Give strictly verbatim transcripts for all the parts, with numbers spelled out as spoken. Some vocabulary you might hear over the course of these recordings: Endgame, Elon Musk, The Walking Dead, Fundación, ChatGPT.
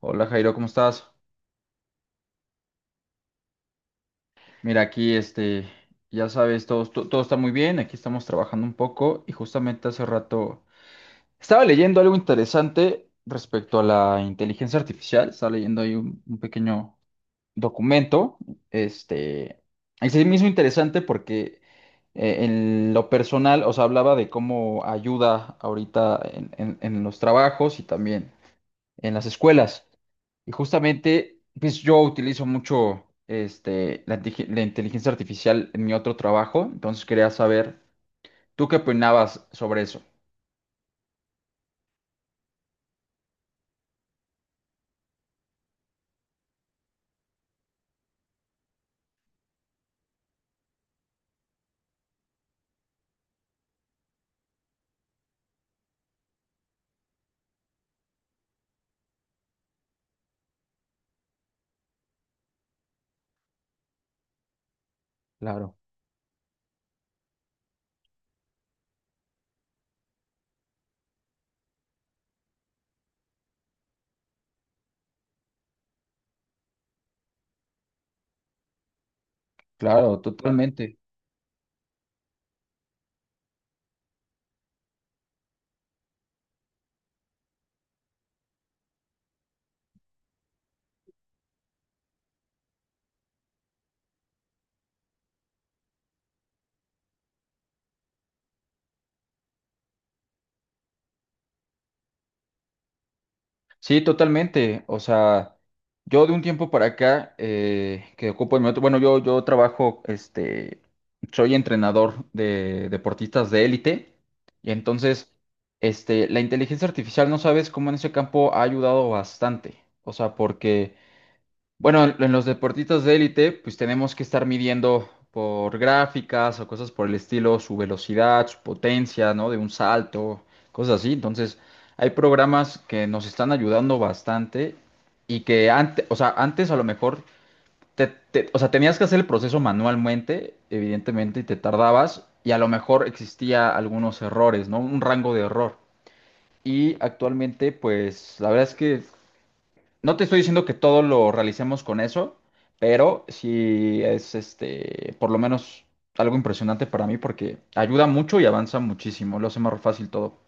Hola Jairo, ¿cómo estás? Mira, aquí este, ya sabes, todo, to- todo está muy bien, aquí estamos trabajando un poco y justamente hace rato estaba leyendo algo interesante respecto a la inteligencia artificial. Estaba leyendo ahí un, un pequeño documento, este, es el mismo interesante porque eh, en lo personal, os hablaba de cómo ayuda ahorita en en- en los trabajos y también en las escuelas. Y justamente, pues yo utilizo mucho este, la, inteligen- la inteligencia artificial en mi otro trabajo, entonces quería saber, ¿tú qué opinabas sobre eso? Claro. Claro, claro, totalmente. Sí, totalmente. O sea, yo de un tiempo para acá eh, que ocupo en mi otro, bueno, yo, yo trabajo, este, soy entrenador de deportistas de élite y entonces, este, la inteligencia artificial, no sabes cómo en ese campo ha ayudado bastante. O sea, porque bueno, en en los deportistas de élite, pues tenemos que estar midiendo por gráficas o cosas por el estilo, su velocidad, su potencia, ¿no? De un salto, cosas así. Entonces, hay programas que nos están ayudando bastante, y que antes, o sea, antes a lo mejor, te, te- o sea, tenías que hacer el proceso manualmente, evidentemente, y te tardabas y a lo mejor existía algunos errores, ¿no? Un rango de error. Y actualmente, pues, la verdad es que no te estoy diciendo que todo lo realicemos con eso, pero sí es este, por lo menos algo impresionante para mí porque ayuda mucho y avanza muchísimo, lo hace más fácil todo.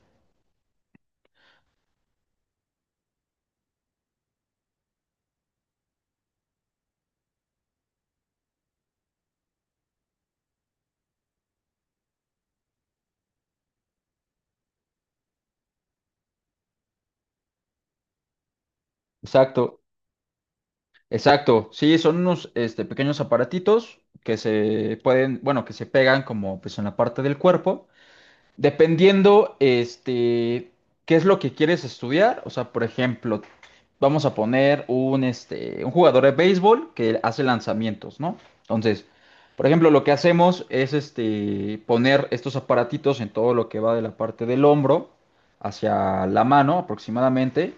Exacto, exacto. Sí, son unos este, pequeños aparatitos que se pueden, bueno, que se pegan como pues en la parte del cuerpo. Dependiendo, este, qué es lo que quieres estudiar. O sea, por ejemplo, vamos a poner un, este, un jugador de béisbol que hace lanzamientos, ¿no? Entonces, por ejemplo, lo que hacemos es, este, poner estos aparatitos en todo lo que va de la parte del hombro hacia la mano aproximadamente.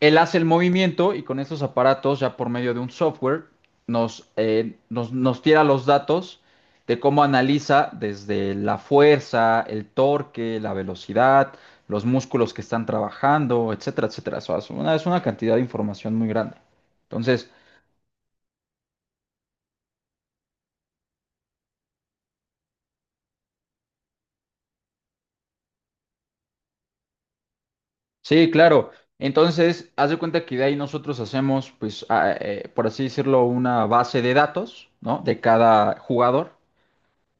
Él hace el movimiento y con estos aparatos, ya por medio de un software, nos, eh, nos, nos tira los datos de cómo analiza desde la fuerza, el torque, la velocidad, los músculos que están trabajando, etcétera, etcétera. O sea, es una, es una cantidad de información muy grande. Entonces, sí, claro. Entonces, haz de cuenta que de ahí nosotros hacemos, pues, a- eh, por así decirlo, una base de datos, ¿no? De cada jugador.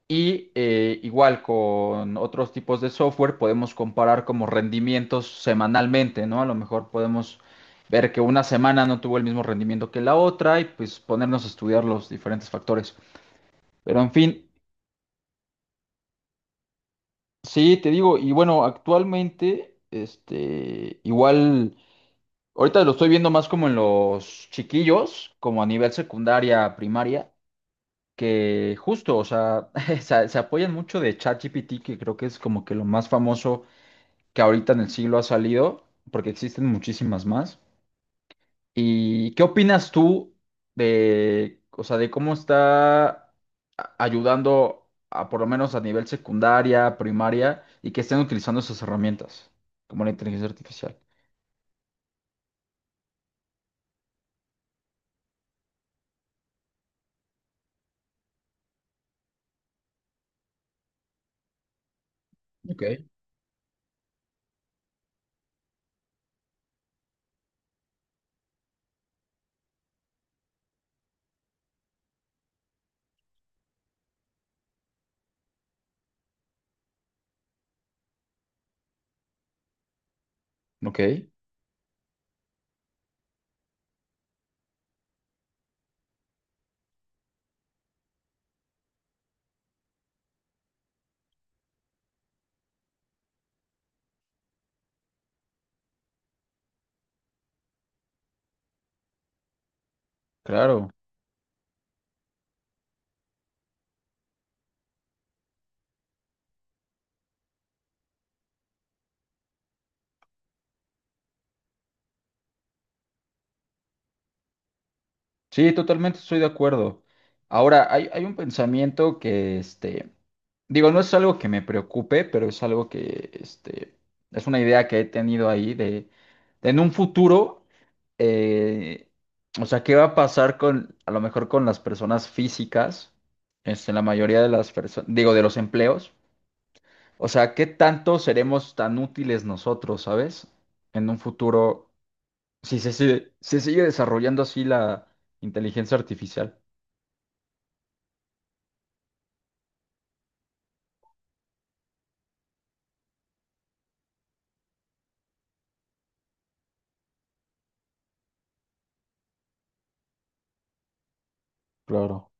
Y eh, igual con otros tipos de software podemos comparar como rendimientos semanalmente, ¿no? A lo mejor podemos ver que una semana no tuvo el mismo rendimiento que la otra y pues ponernos a estudiar los diferentes factores. Pero en fin, sí, te digo, y bueno, actualmente, este, igual, ahorita lo estoy viendo más como en los chiquillos, como a nivel secundaria, primaria, que justo, o sea, se, se apoyan mucho de ChatGPT, que creo que es como que lo más famoso que ahorita en el siglo ha salido, porque existen muchísimas más. ¿Y qué opinas tú de, o sea, de cómo está a- ayudando a, por lo menos a nivel secundaria, primaria, y que estén utilizando esas herramientas, como la inteligencia artificial? Ok. Ok, claro. Sí, totalmente estoy de acuerdo. Ahora, hay, hay un pensamiento que, este, digo, no es algo que me preocupe, pero es algo que, este, es una idea que he tenido ahí de, de en un futuro, eh, o sea, ¿qué va a pasar con, a lo mejor con las personas físicas, este, la mayoría de las personas, digo, de los empleos? O sea, ¿qué tanto seremos tan útiles nosotros, sabes? En un futuro, si se sigue- se sigue desarrollando así la inteligencia artificial. Claro,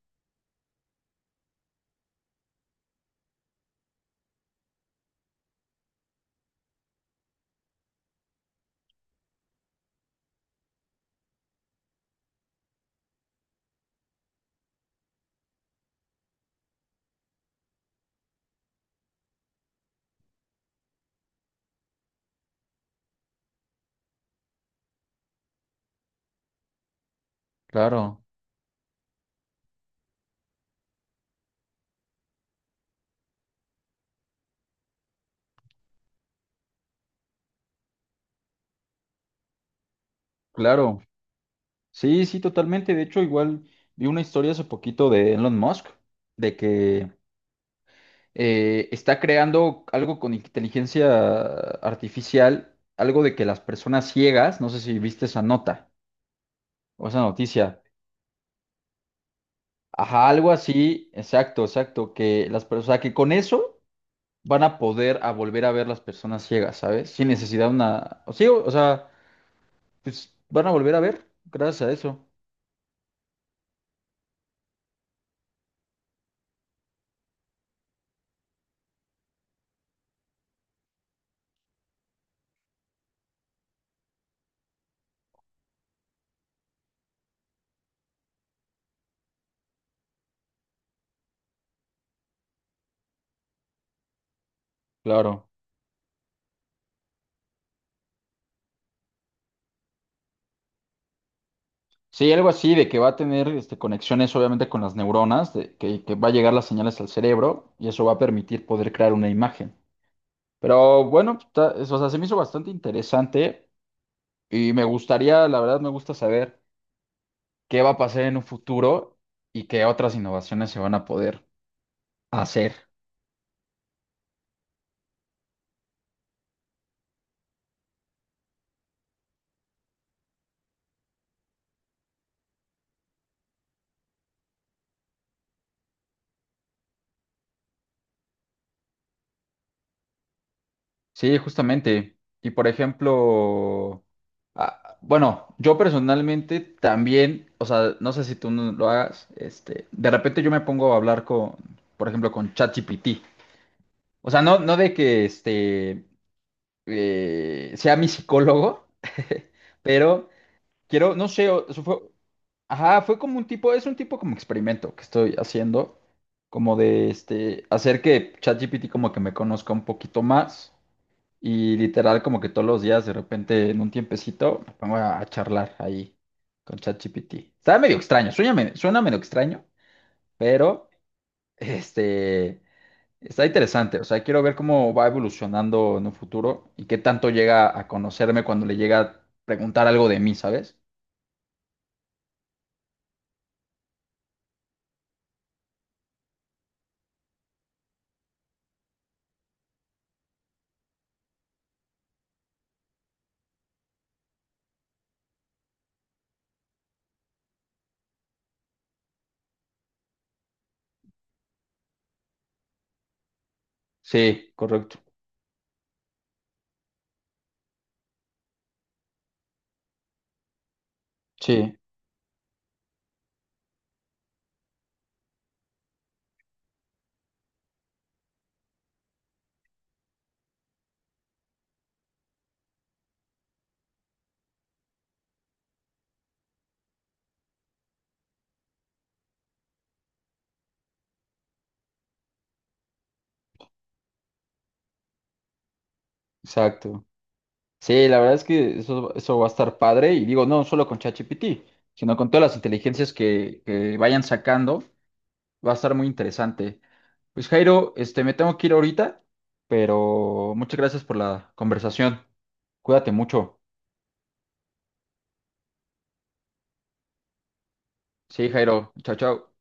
claro, claro. Sí, sí, totalmente. De hecho, igual vi una historia hace poquito de Elon Musk, de que eh, está creando algo con inteligencia artificial, algo de que las personas ciegas, no sé si viste esa nota o esa noticia. Ajá, algo así, exacto, exacto, que las personas, o sea, que con eso van a poder a volver a ver las personas ciegas, ¿sabes? Sin necesidad de una, o sí, o o sea, pues van a volver a ver gracias a eso. Claro. Sí, algo así de que va a tener este, conexiones obviamente con las neuronas, de que, que va a llegar las señales al cerebro y eso va a permitir poder crear una imagen. Pero bueno, está- es- o sea, se me hizo bastante interesante y me gustaría, la verdad me gusta saber qué va a pasar en un futuro y qué otras innovaciones se van a poder hacer. Sí, justamente. Y por ejemplo, ah, bueno, yo personalmente también, o sea, no sé si tú no lo hagas, este, de repente yo me pongo a hablar con, por ejemplo, con ChatGPT. O sea, no, no de que este eh, sea mi psicólogo, pero quiero, no sé, o- eso fue, ajá, fue como un tipo, es un tipo como experimento que estoy haciendo, como de este, hacer que ChatGPT como que me conozca un poquito más. Y literal, como que todos los días, de repente, en un tiempecito, me pongo a, a charlar ahí con ChatGPT. Está medio extraño, suena, me- suena medio extraño, pero este está interesante. O sea, quiero ver cómo va evolucionando en un futuro y qué tanto llega a conocerme cuando le llega a preguntar algo de mí, ¿sabes? Sí, correcto. Sí, exacto. Sí, la verdad es que eso, eso va a estar padre. Y digo, no solo con ChatGPT, sino con todas las inteligencias que, que vayan sacando. Va a estar muy interesante. Pues Jairo, este, me tengo que ir ahorita, pero muchas gracias por la conversación. Cuídate mucho. Sí, Jairo. Chao, chao.